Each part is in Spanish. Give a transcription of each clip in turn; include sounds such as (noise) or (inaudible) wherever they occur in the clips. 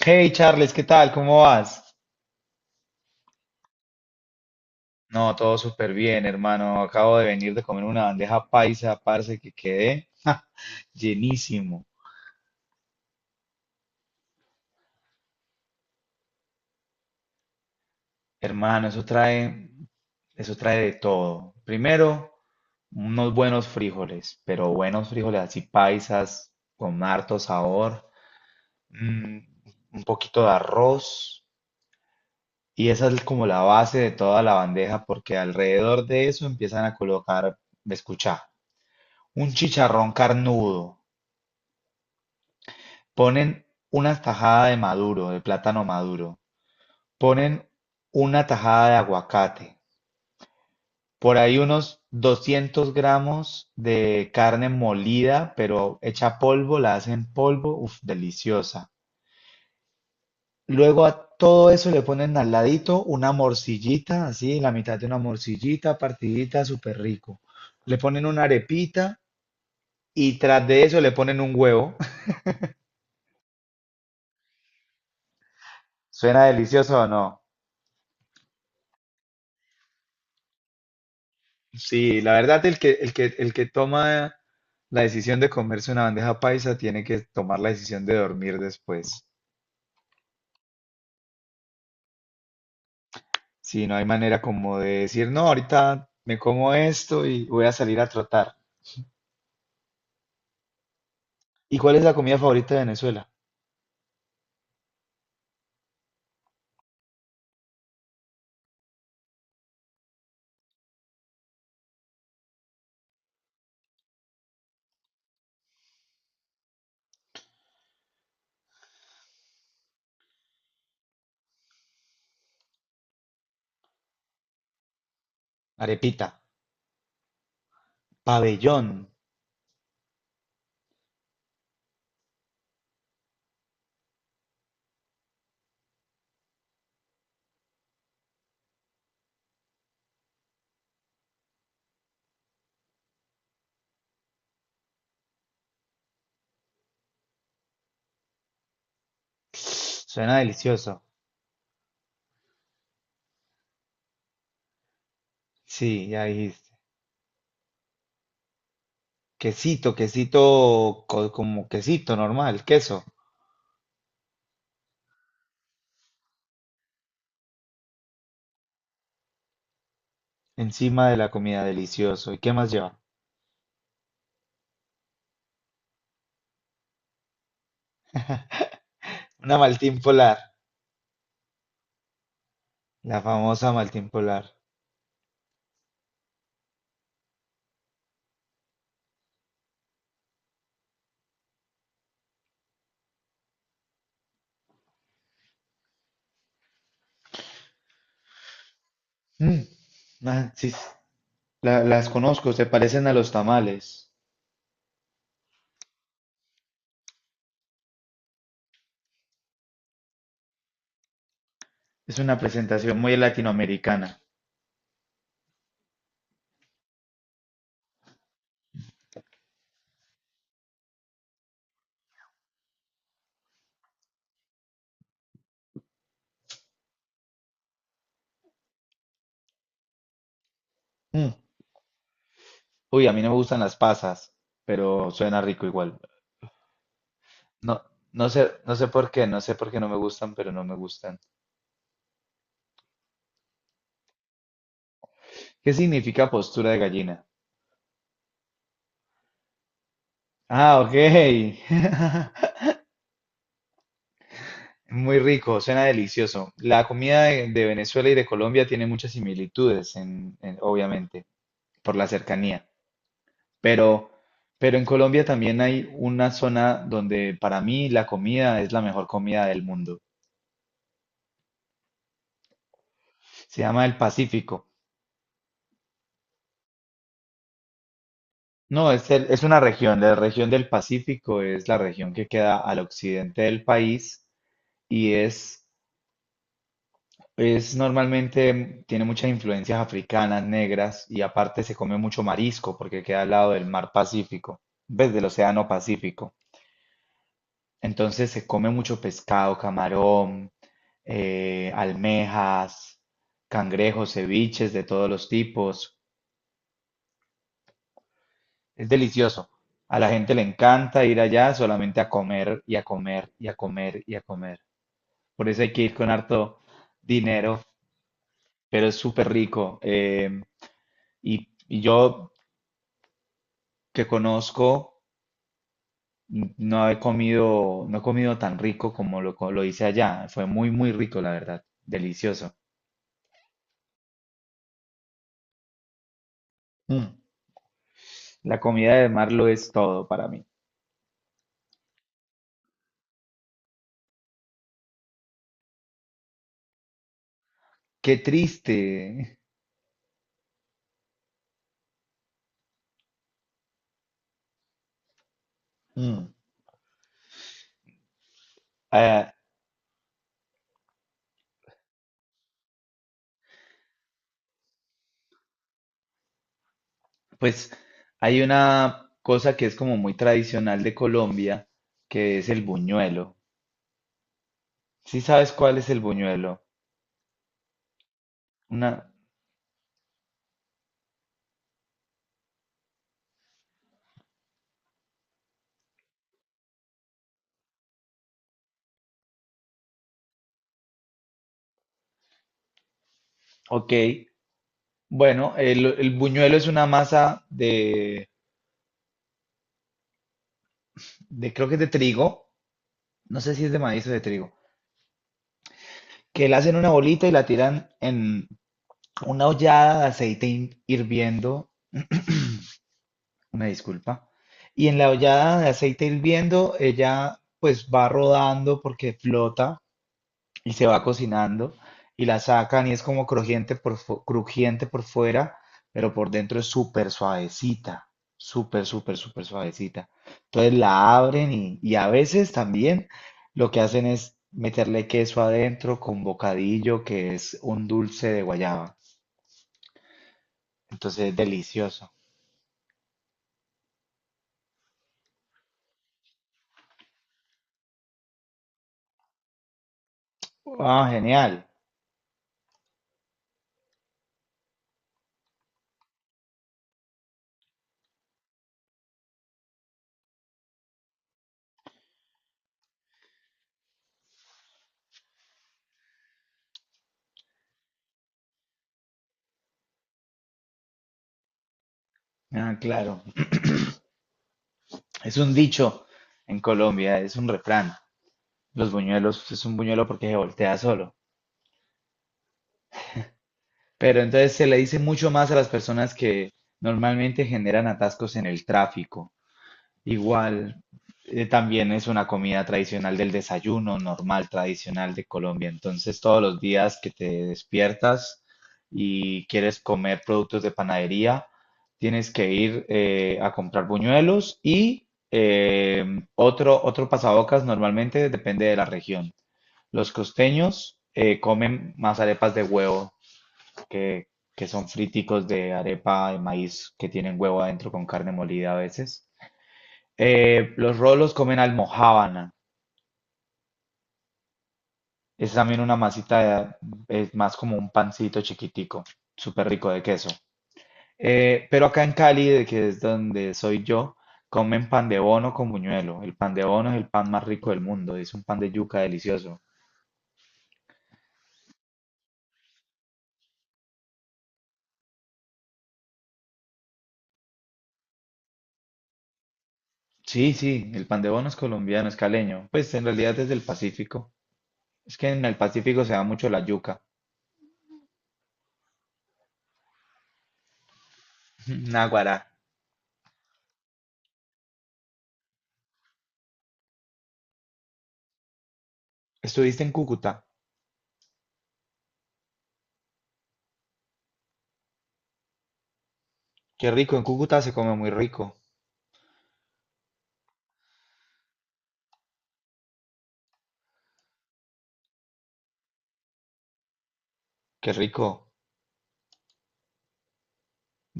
Hey Charles, ¿qué tal? ¿Cómo vas? No, todo súper bien, hermano. Acabo de venir de comer una bandeja paisa, parce, que quedé llenísimo. Hermano, eso trae de todo. Primero, unos buenos frijoles, pero buenos frijoles así paisas, con harto sabor, mm, un poquito de arroz, y esa es como la base de toda la bandeja, porque alrededor de eso empiezan a colocar, escucha, un chicharrón carnudo. Ponen una tajada de maduro, de plátano maduro. Ponen una tajada de aguacate. Por ahí unos 200 gramos de carne molida, pero hecha polvo, la hacen polvo, uf, deliciosa. Luego a todo eso le ponen al ladito una morcillita, así, la mitad de una morcillita, partidita, súper rico. Le ponen una arepita y tras de eso le ponen un huevo. (laughs) ¿Suena delicioso o no? Sí, la verdad, el que toma la decisión de comerse una bandeja paisa tiene que tomar la decisión de dormir después. Si no hay manera como de decir, no, ahorita me como esto y voy a salir a trotar. ¿Y cuál es la comida favorita de Venezuela? Arepita, pabellón. Suena delicioso. Sí, ya dijiste. Quesito, quesito, como quesito normal, queso. Encima de la comida, delicioso. ¿Y qué más lleva? Una Maltín Polar, la famosa Maltín Polar. Mm, ah, sí, las conozco, se parecen a los tamales. Es una presentación muy latinoamericana. Mm, uy, a mí no me gustan las pasas, pero suena rico igual. No, no sé por qué, no sé por qué no me gustan, pero no me gustan. ¿Qué significa postura de gallina? Ah, ok. (laughs) Muy rico, suena delicioso. La comida de Venezuela y de Colombia tiene muchas similitudes, obviamente, por la cercanía. Pero, pero en Colombia también hay una zona donde para mí la comida es la mejor comida del mundo. Se llama el Pacífico. No, es una región. La región del Pacífico es la región que queda al occidente del país y es, es normalmente, tiene muchas influencias africanas, negras y aparte se come mucho marisco porque queda al lado del mar Pacífico, ves del océano Pacífico. Entonces se come mucho pescado, camarón, almejas, cangrejos, ceviches de todos los tipos. Es delicioso. A la gente le encanta ir allá solamente a comer y a comer y a comer y a comer. Por eso hay que ir con harto dinero, pero es súper rico. Y yo que conozco, no he comido, no he comido tan rico como lo hice allá. Fue muy rico, la verdad. Delicioso. Mm. La comida de mar lo es todo para mí. Qué triste. Mm, ah, pues hay una cosa que es como muy tradicional de Colombia, que es el buñuelo. ¿Sí sabes cuál es el buñuelo? Una, ok. Bueno, el buñuelo es una masa de, creo que es de trigo, no sé si es de maíz o de trigo, que la hacen una bolita y la tiran en una ollada de aceite hirviendo. Una disculpa. Y en la ollada de aceite hirviendo, ella pues va rodando porque flota y se va cocinando y la sacan y es como crujiente crujiente por fuera, pero por dentro es súper suavecita, súper suavecita. Entonces la abren y a veces también lo que hacen es meterle queso adentro con bocadillo, que es un dulce de guayaba. Entonces es delicioso. Ah, genial. Ah, claro. Es un dicho en Colombia, es un refrán. Los buñuelos pues, es un buñuelo porque se voltea solo. Pero entonces se le dice mucho más a las personas que normalmente generan atascos en el tráfico. Igual, también es una comida tradicional del desayuno normal, tradicional de Colombia. Entonces, todos los días que te despiertas y quieres comer productos de panadería, tienes que ir a comprar buñuelos y otro pasabocas normalmente depende de la región. Los costeños comen más arepas de huevo, que, que son friticos de arepa de maíz que tienen huevo adentro con carne molida a veces. Los rolos comen almojábana. Es también una masita, es más como un pancito chiquitico, súper rico de queso. Pero acá en Cali, de que es donde soy yo, comen pan de bono con buñuelo. El pan de bono es el pan más rico del mundo, es un pan de yuca delicioso. Sí, sí, el pan de bono es colombiano, es caleño. Pues en realidad es del Pacífico. Es que en el Pacífico se da mucho la yuca. (laughs) Naguará. Estuviste en Cúcuta. Qué rico, en Cúcuta se come muy rico. Qué rico.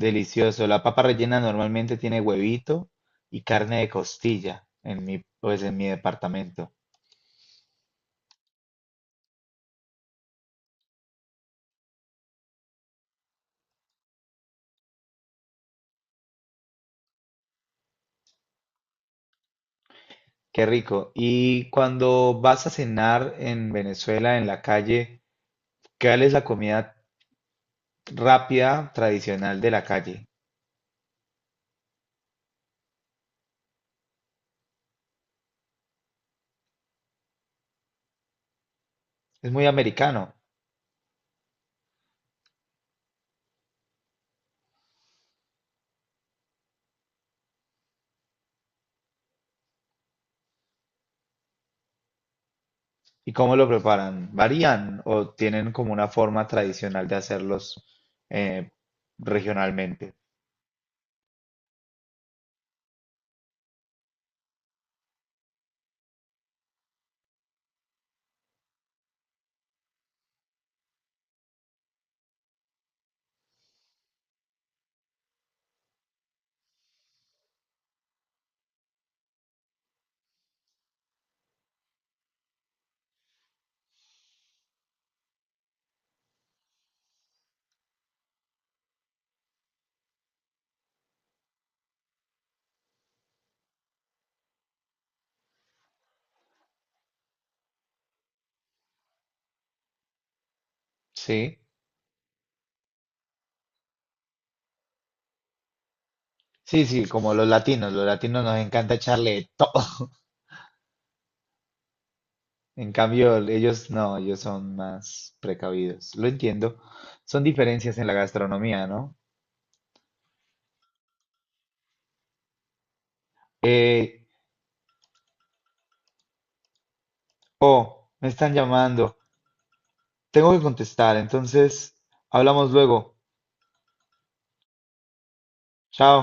Delicioso. La papa rellena normalmente tiene huevito y carne de costilla en mi, pues en mi departamento. Qué rico. Y cuando vas a cenar en Venezuela, en la calle, ¿cuál es la comida rápida tradicional de la calle? Es muy americano. ¿Y cómo lo preparan? ¿Varían o tienen como una forma tradicional de hacerlos eh, regionalmente? Sí, sí, sí, como los latinos. Los latinos nos encanta echarle de todo. En cambio, ellos no, ellos son más precavidos. Lo entiendo. Son diferencias en la gastronomía, ¿no? Eh, oh, me están llamando. Tengo que contestar, entonces hablamos luego. Chao.